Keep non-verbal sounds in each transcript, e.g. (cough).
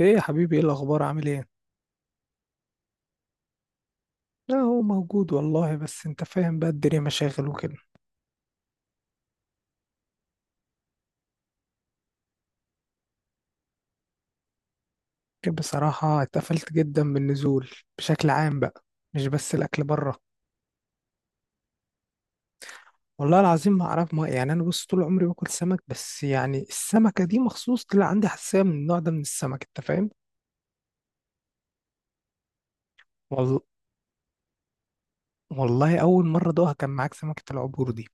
ايه يا حبيبي، ايه الاخبار؟ عامل ايه؟ لا، هو موجود والله، بس انت فاهم بقى، الدنيا مشاغل وكده. بصراحة اتقفلت جدا من النزول بشكل عام بقى، مش بس الاكل بره. والله العظيم ما اعرف، ما يعني انا بص، طول عمري باكل سمك، بس يعني السمكة دي مخصوص طلع عندي حساسية من النوع ده من السمك، انت فاهم. والله، والله اول مرة ادوقها كان معاك سمكة العبور دي.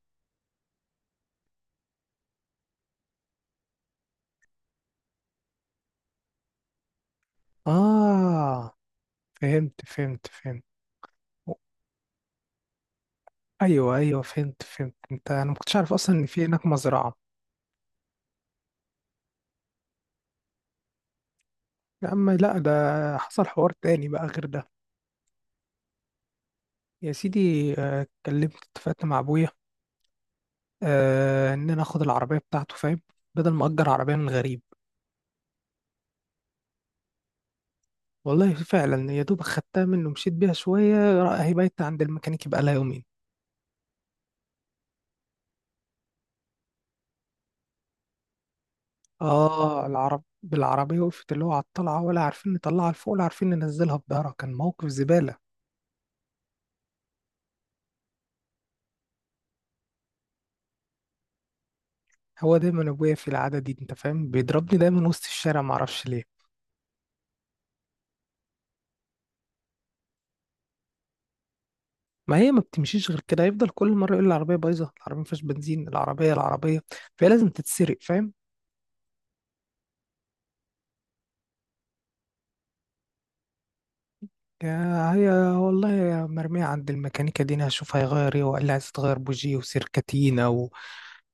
اه، فهمت فهمت فهمت. ايوه ايوه، فهمت فهمت، انا ما كنتش عارف اصلا ان في هناك مزرعة. يا عم لا، ده حصل حوار تاني بقى غير ده. يا سيدي، اتفقت مع ابويا، ان انا اخد العربيه بتاعته، فاهم. بدل ما اجر عربيه من غريب. والله فعلا، يا دوب خدتها منه مشيت بيها شويه، هي بقت عند الميكانيكي بقى لها يومين. اه، العرب بالعربيه وقفت اللي هو على الطلعه، ولا عارفين نطلعها لفوق ولا عارفين ننزلها بظهرها، كان موقف زباله. هو دايما ابويا في العاده دي، انت فاهم، بيضربني دايما وسط الشارع معرفش ليه. ما هي ما بتمشيش غير كده، هيفضل كل مره يقول العربيه بايظه، العربيه ما فيهاش بنزين، العربيه العربيه. فهي لازم تتسرق، فاهم. يا هي، والله يا مرميه عند الميكانيكا دي، انا هشوف هيغير ايه. وقال لي عايز تغير بوجي وسيركاتينا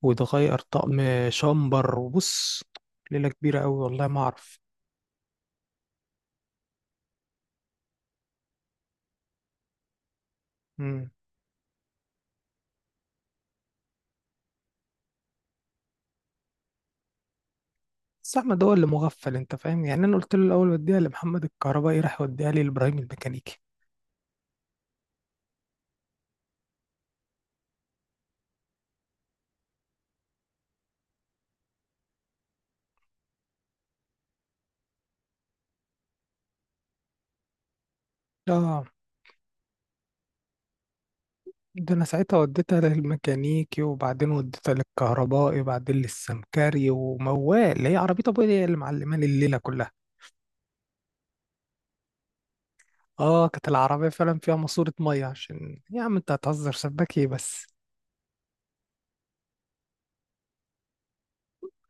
وتغير طقم شامبر. وبص، ليله كبيره قوي، والله ما اعرف. امم. بس احمد هو اللي مغفل، انت فاهم، يعني انا قلت له الاول وديها لمحمد الكهربائي، راح يوديها لي لابراهيم الميكانيكي. اه، ده انا ساعتها وديتها للميكانيكي، وبعدين وديتها للكهربائي، وبعدين للسمكري، وموال اللي هي عربية ابويا هي اللي معلماني الليلة كلها. اه، كانت العربية فعلا فيها ماسورة مية. عشان يا عم، انت هتهزر سباك ايه بس؟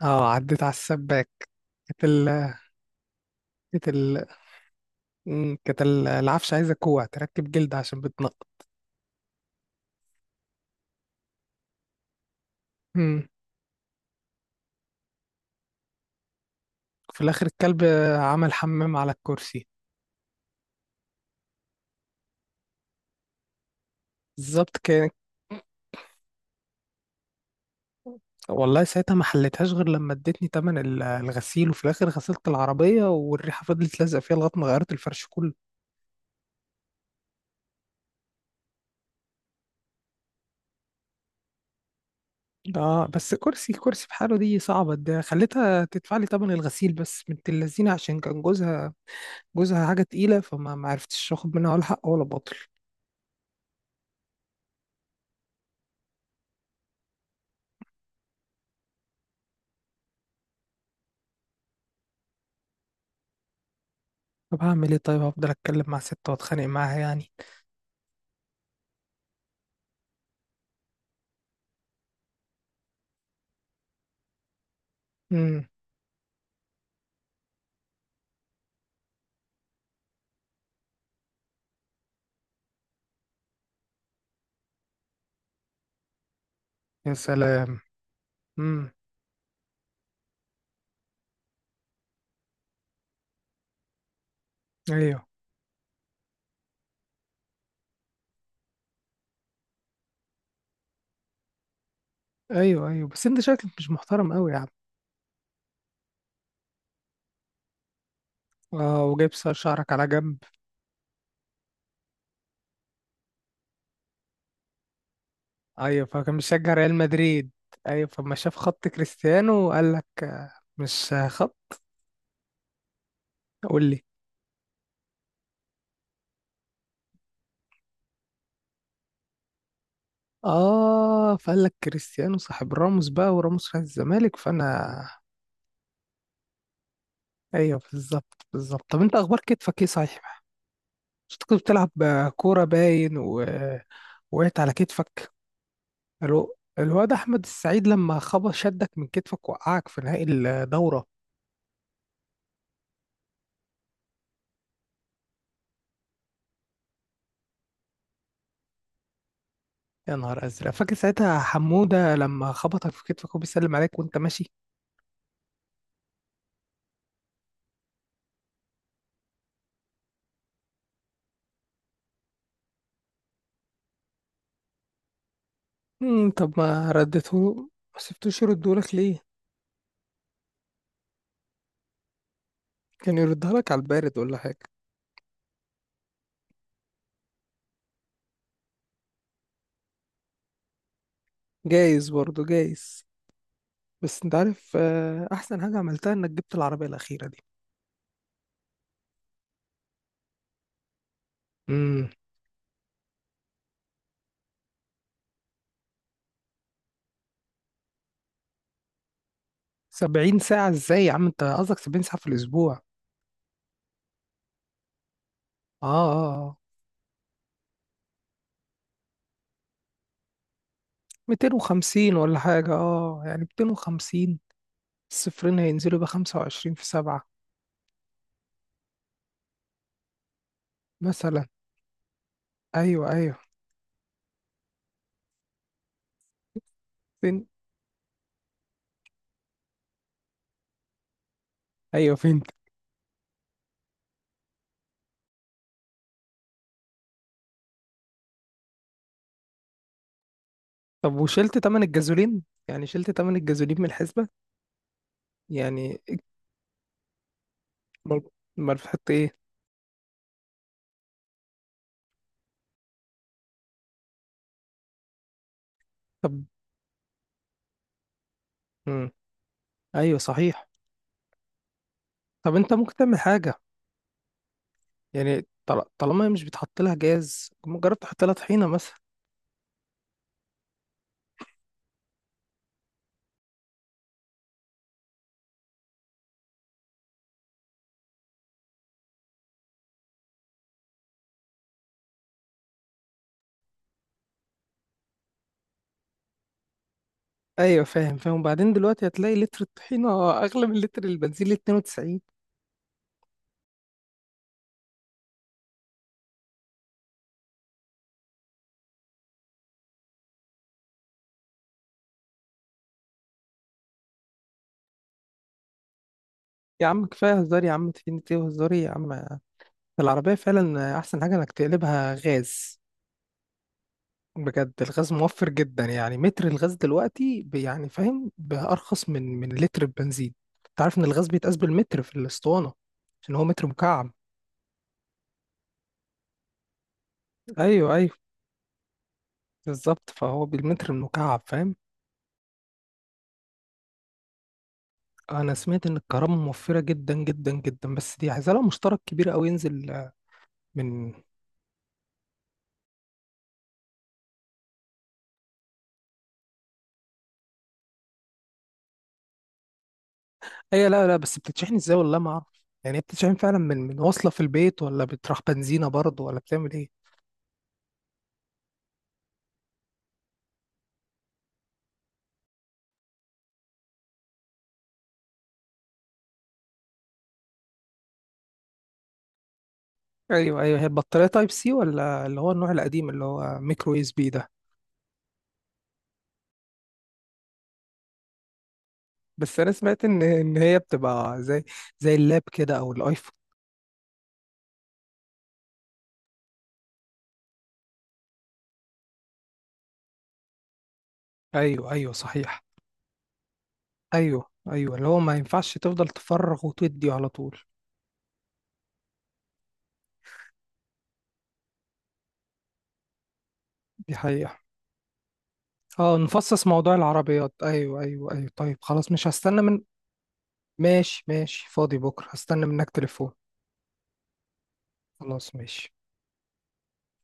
اه، عديت على السباك. كانت ال كانت ال مم، كانت ال- العفش عايزة كوع تركب جلد عشان بتنقط. مم. في الاخر الكلب عمل حمام على الكرسي. بالظبط كان. والله ساعتها ما حليتهاش غير لما ادتني تمن الغسيل، وفي الاخر غسلت العربية، والريحة فضلت لازقة فيها لغاية ما غيرت الفرش كله. اه، بس كرسي كرسي بحاله دي صعبة، ده خليتها تدفع لي تمن الغسيل بس. بنت اللذينة، عشان كان جوزها، جوزها حاجة تقيلة، فما ما عرفتش اخد منها ولا حق ولا باطل. طب هعمل ايه؟ طيب هفضل اتكلم مع ستة واتخانق معاها يعني؟ امم. يا سلام. امم. ايوه ايوه ايوه، بس انت شكلك مش محترم قوي يا عم. اه، وجايب شعرك على جنب. ايوه، فكان بيشجع ريال مدريد. ايوه، فما شاف خط كريستيانو قال لك مش خط. قول لي. اه، فقال لك كريستيانو صاحب راموس بقى، وراموس راح الزمالك فانا. ايوه، بالظبط بالظبط. طب انت اخبار كتفك ايه صحيح؟ مش أنت كنت بتلعب كوره باين وقعت على كتفك؟ الواد احمد السعيد لما خبط شدك من كتفك وقعك في نهائي الدوره. يا نهار ازرق، فاكر ساعتها حموده لما خبطك في كتفك وبيسلم عليك وانت ماشي. طب ما ردته، ما سبتوش يردهولك ليه؟ كان يردها لك على البارد ولا حاجة. جايز برضه، جايز. بس انت عارف، احسن حاجة عملتها انك جبت العربية الأخيرة دي. امم. 70 ساعة ازاي يا عم؟ انت قصدك 70 ساعة في الأسبوع؟ اه اه، آه. 250 ولا حاجة، يعني 250، الصفرين هينزلوا ب 25 في سبعة مثلا. ايوه ايوه، فين؟ ايوه، فين؟ طب وشلت تمن الجازولين؟ يعني شلت تمن الجازولين من الحسبة؟ يعني؟ امال؟ امال بتحط ايه؟ طب. مم. ايوه صحيح. طب انت ممكن تعمل حاجه، يعني طالما هي مش بيتحط لها جاز، مجرد تحط لها طحينه مثلا؟ ايوه، فاهم فاهم. وبعدين دلوقتي هتلاقي لتر الطحينه (laughs) اغلى من لتر البنزين ل 92. يا عم كفايه هزار يا عم، طحينه ايه وهزار إيه يا عم؟ العربيه فعلا احسن حاجه انك تقلبها غاز. بجد، الغاز موفر جدا، يعني متر الغاز دلوقتي يعني فاهم، بأرخص من لتر البنزين. انت عارف ان الغاز بيتقاس بالمتر في الاسطوانه، عشان هو متر مكعب. ايوه ايوه، بالظبط، فهو بالمتر المكعب، فاهم. انا سمعت ان الكهرباء موفره جدا جدا جدا، بس دي عايزه لها مشترك كبير قوي ينزل من. اي لا لا، بس بتتشحن ازاي، والله ما اعرف، يعني هي بتتشحن فعلا من وصله في البيت، ولا بتروح بنزينه برضه، ولا بتعمل ايه؟ ايوه ايوه، هي البطاريه تايب سي ولا اللي هو النوع القديم اللي هو ميكرو يو اس بي ده؟ بس انا سمعت ان هي بتبقى زي، زي اللاب كده او الايفون. ايوه ايوه صحيح. ايوه ايوه، اللي هو ما ينفعش تفضل تفرغ وتدي على طول. دي حقيقه. اه، نفصص موضوع العربيات، ايوه ايوه ايوه. طيب خلاص، مش هستنى من. ماشي ماشي، فاضي بكره هستنى منك تليفون. خلاص ماشي.